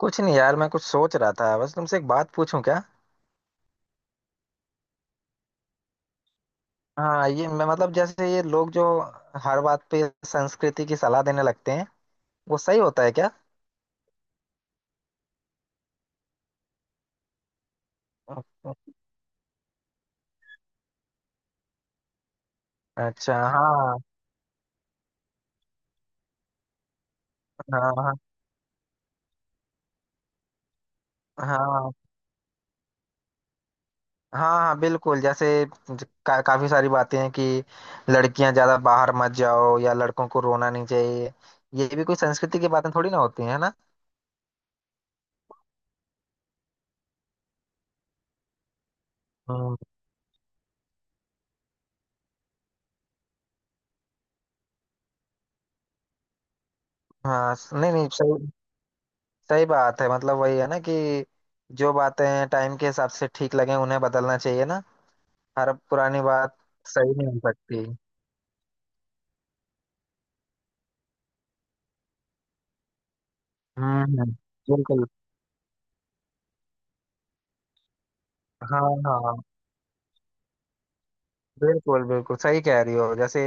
कुछ नहीं यार, मैं कुछ सोच रहा था। बस तुमसे एक बात पूछूं क्या? हाँ, ये मैं मतलब जैसे ये लोग जो हर बात पे संस्कृति की सलाह देने लगते हैं, वो सही होता है क्या? अच्छा। हाँ, हाँ, हाँ, हाँ, हाँ। हाँ, बिल्कुल। जैसे काफी सारी बातें हैं कि लड़कियां ज्यादा बाहर मत जाओ या लड़कों को रोना नहीं चाहिए। ये भी कोई संस्कृति की बातें थोड़ी ना होती है ना। हम्म। हाँ, नहीं नहीं, सही। सही बात है। मतलब वही है ना कि जो बातें टाइम के हिसाब से ठीक लगे उन्हें बदलना चाहिए ना। हर पुरानी बात सही नहीं हो सकती। हम्म, हम्म। बिल्कुल। हाँ, हाँ। बिल्कुल बिल्कुल सही कह रही हो। जैसे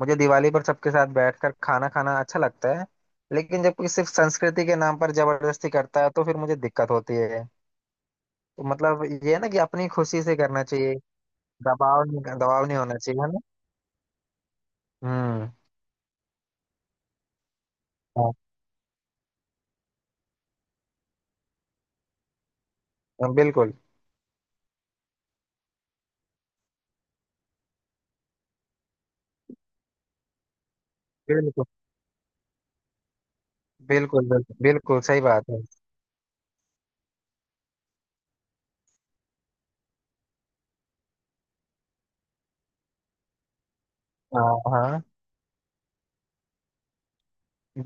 मुझे दिवाली पर सबके साथ बैठकर खाना खाना अच्छा लगता है, लेकिन जब कोई सिर्फ संस्कृति के नाम पर जबरदस्ती करता है तो फिर मुझे दिक्कत होती है। तो मतलब ये है ना कि अपनी खुशी से करना चाहिए। दबाव नहीं, दबाव नहीं होना चाहिए, है ना? हम्म। हाँ, बिल्कुल बिल्कुल बिल्कुल। बिल्कुल बिल्कुल सही बात है। हाँ, हाँ।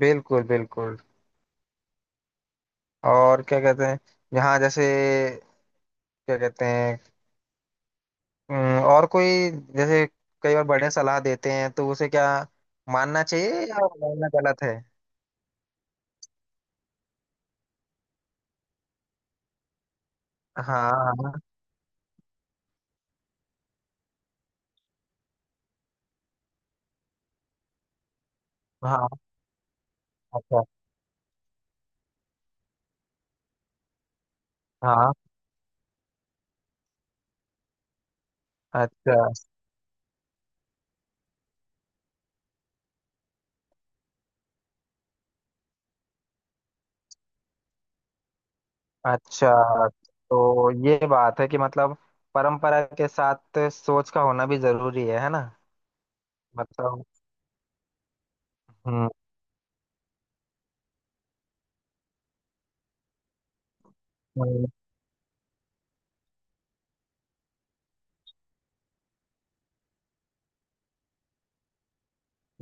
बिल्कुल बिल्कुल। और क्या कहते हैं यहाँ, जैसे क्या कहते हैं? और कोई, जैसे कई बार बड़े सलाह देते हैं, तो उसे क्या मानना चाहिए, या मानना गलत है? हाँ, हाँ, हाँ। अच्छा। हाँ। अच्छा, अच्छा। तो ये बात है कि मतलब परंपरा के साथ सोच का होना भी जरूरी है ना? मतलब। हम्म, हम्म।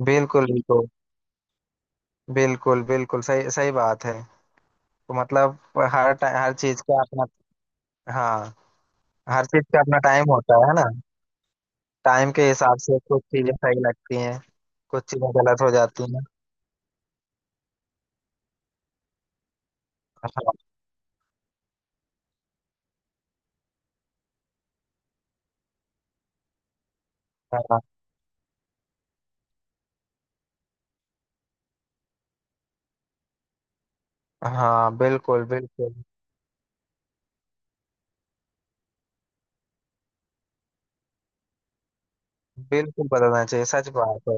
बिल्कुल बिल्कुल। बिल्कुल बिल्कुल सही। सही बात है। तो मतलब हर टाइम हर चीज का अपना। हाँ, हर चीज का अपना टाइम होता है ना। टाइम के हिसाब से कुछ चीजें सही लगती हैं, कुछ चीजें गलत हो जाती हैं। हाँ, हाँ, हाँ, बिल्कुल बिल्कुल। बिल्कुल बदलना चाहिए, सच बात है।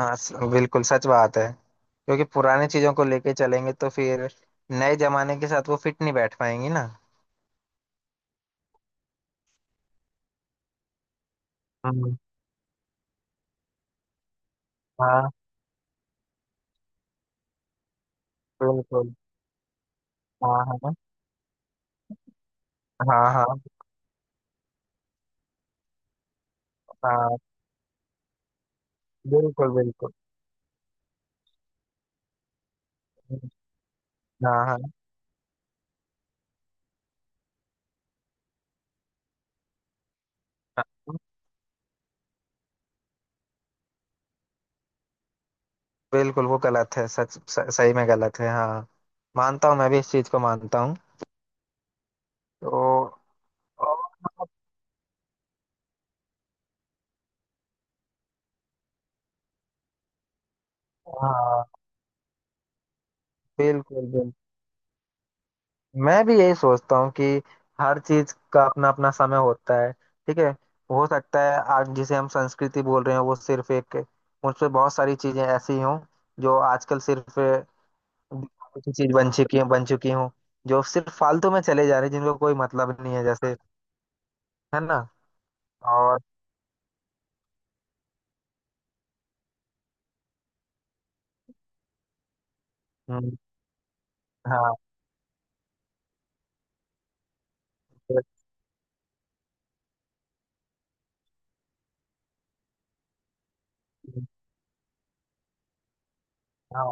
हाँ, बिल्कुल सच बात है। क्योंकि पुरानी चीजों को लेके चलेंगे तो फिर नए जमाने के साथ वो फिट नहीं बैठ पाएंगी ना। हम्म। हाँ, बिल्कुल। हाँ, हाँ, हाँ, हाँ, हाँ। बिल्कुल बिल्कुल। हाँ, हाँ। हाँ, बिल्कुल वो गलत है, सच सही में गलत है। हाँ, मानता हूँ, मैं भी इस चीज को मानता हूँ। तो और मतलब, हाँ, बिल्कुल बिल्कुल। मैं भी यही सोचता हूँ कि हर चीज का अपना अपना समय होता है, ठीक है? हो सकता है आज जिसे हम संस्कृति बोल रहे हैं वो सिर्फ एक, मुझसे बहुत सारी चीजें ऐसी हों जो आजकल सिर्फ दिखावे की चीज बन चुकी हों। जो सिर्फ फालतू में चले जा रहे हैं, जिनको कोई मतलब नहीं है, जैसे, है ना? और हम्म। हाँ, हाँ,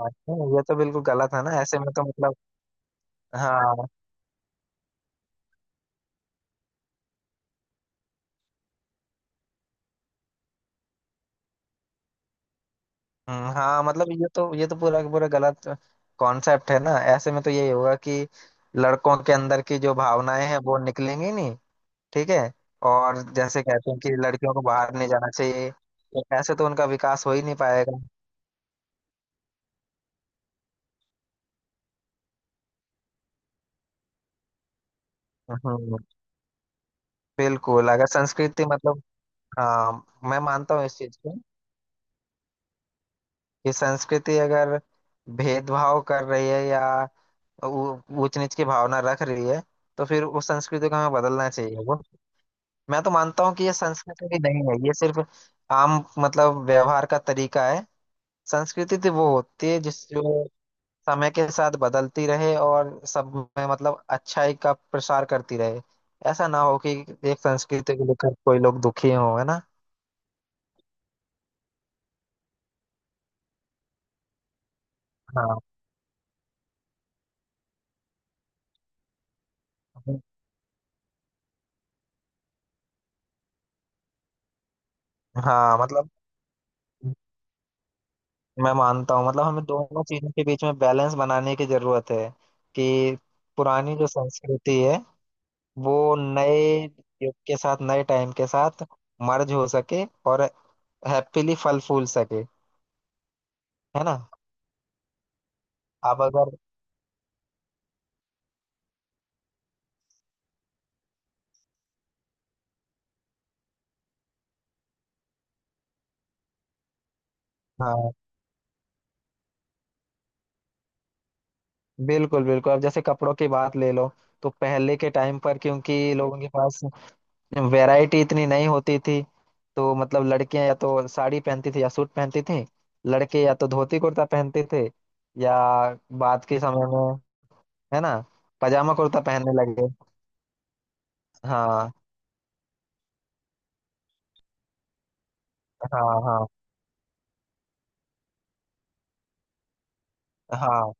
ये तो बिल्कुल गलत है ना, ऐसे में तो मतलब हाँ। हाँ, मतलब ये तो, ये तो पूरा का पूरा गलत कॉन्सेप्ट है ना। ऐसे में तो यही होगा कि लड़कों के अंदर की जो भावनाएं हैं वो निकलेंगी नहीं, ठीक है? और जैसे कहते हैं कि लड़कियों को बाहर नहीं जाना चाहिए, तो ऐसे तो उनका विकास हो ही नहीं पाएगा। हम्म। बिल्कुल अगर संस्कृति मतलब, हाँ, मैं मानता हूँ इस चीज को कि संस्कृति अगर भेदभाव कर रही है या ऊंच नीच की भावना रख रही है तो फिर उस संस्कृति को हमें बदलना चाहिए। वो मैं तो मानता हूँ कि ये संस्कृति भी नहीं है, ये सिर्फ आम मतलब व्यवहार का तरीका है। संस्कृति तो वो होती है जिस जो समय के साथ बदलती रहे और सब में मतलब अच्छाई का प्रसार करती रहे। ऐसा ना हो कि एक संस्कृति को लेकर कोई लोग दुखी हो, है ना? हाँ, हाँ। मतलब मैं मानता हूँ, मतलब हमें दोनों चीजों के बीच में बैलेंस बनाने की जरूरत है। कि पुरानी जो संस्कृति है वो नए युग के साथ, नए टाइम के साथ मर्ज हो सके और हैप्पीली फल फूल सके, है ना? अब अगर, हाँ, बिल्कुल बिल्कुल। अब जैसे कपड़ों की बात ले लो, तो पहले के टाइम पर क्योंकि लोगों के पास वैरायटी इतनी नहीं होती थी, तो मतलब लड़कियां या तो साड़ी पहनती थी या सूट पहनती थी। लड़के या तो धोती कुर्ता पहनते थे या बाद के समय में, है ना, पजामा कुर्ता पहनने लगे। हाँ, हाँ, हाँ, हाँ,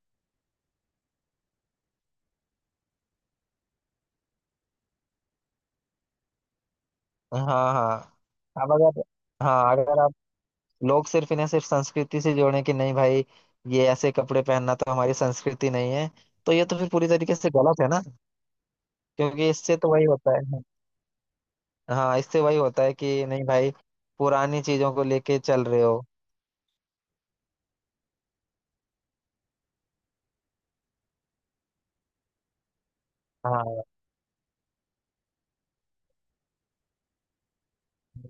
हाँ, हाँ, हाँ। अब अगर, हाँ, अगर आप लोग सिर्फ इन्हें, सिर्फ संस्कृति से जोड़ें कि नहीं भाई, ये ऐसे कपड़े पहनना तो हमारी संस्कृति नहीं है, तो ये तो फिर पूरी तरीके से गलत है ना। क्योंकि इससे तो वही होता है। हाँ, इससे वही होता है कि नहीं भाई, पुरानी चीजों को लेके चल रहे हो। हाँ।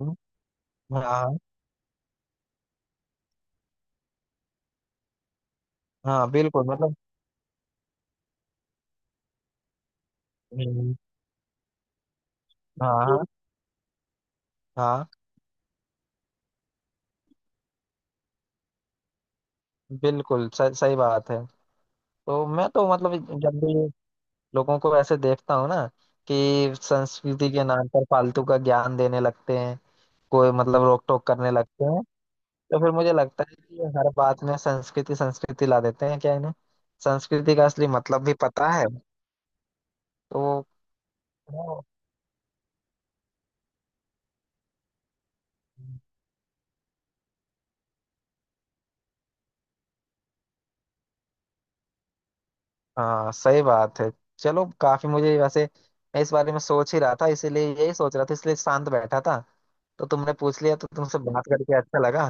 हम्म, हाँ, हाँ। बिल्कुल मतलब। हम्म, हाँ, हाँ, हाँ, बिल्कुल सही। सही बात है। तो मैं तो मतलब जब भी लोगों को ऐसे देखता हूँ ना कि संस्कृति के नाम पर फालतू का ज्ञान देने लगते हैं, कोई मतलब रोक टोक करने लगते हैं, तो फिर मुझे लगता है कि ये हर बात में संस्कृति संस्कृति ला देते हैं, क्या इन्हें संस्कृति का असली मतलब भी पता है? तो वो- हाँ, सही बात है। चलो, काफी मुझे वैसे, मैं इस बारे में सोच ही रहा था, इसीलिए यही सोच रहा था, इसलिए शांत बैठा था। तो तुमने पूछ लिया, तो तुमसे बात करके अच्छा लगा।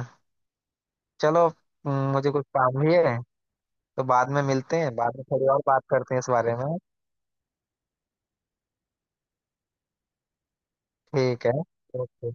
चलो। मुझे कुछ काम भी है, तो बाद में मिलते हैं, बाद में थोड़ी और बात करते हैं इस बारे में। ठीक है। ओके।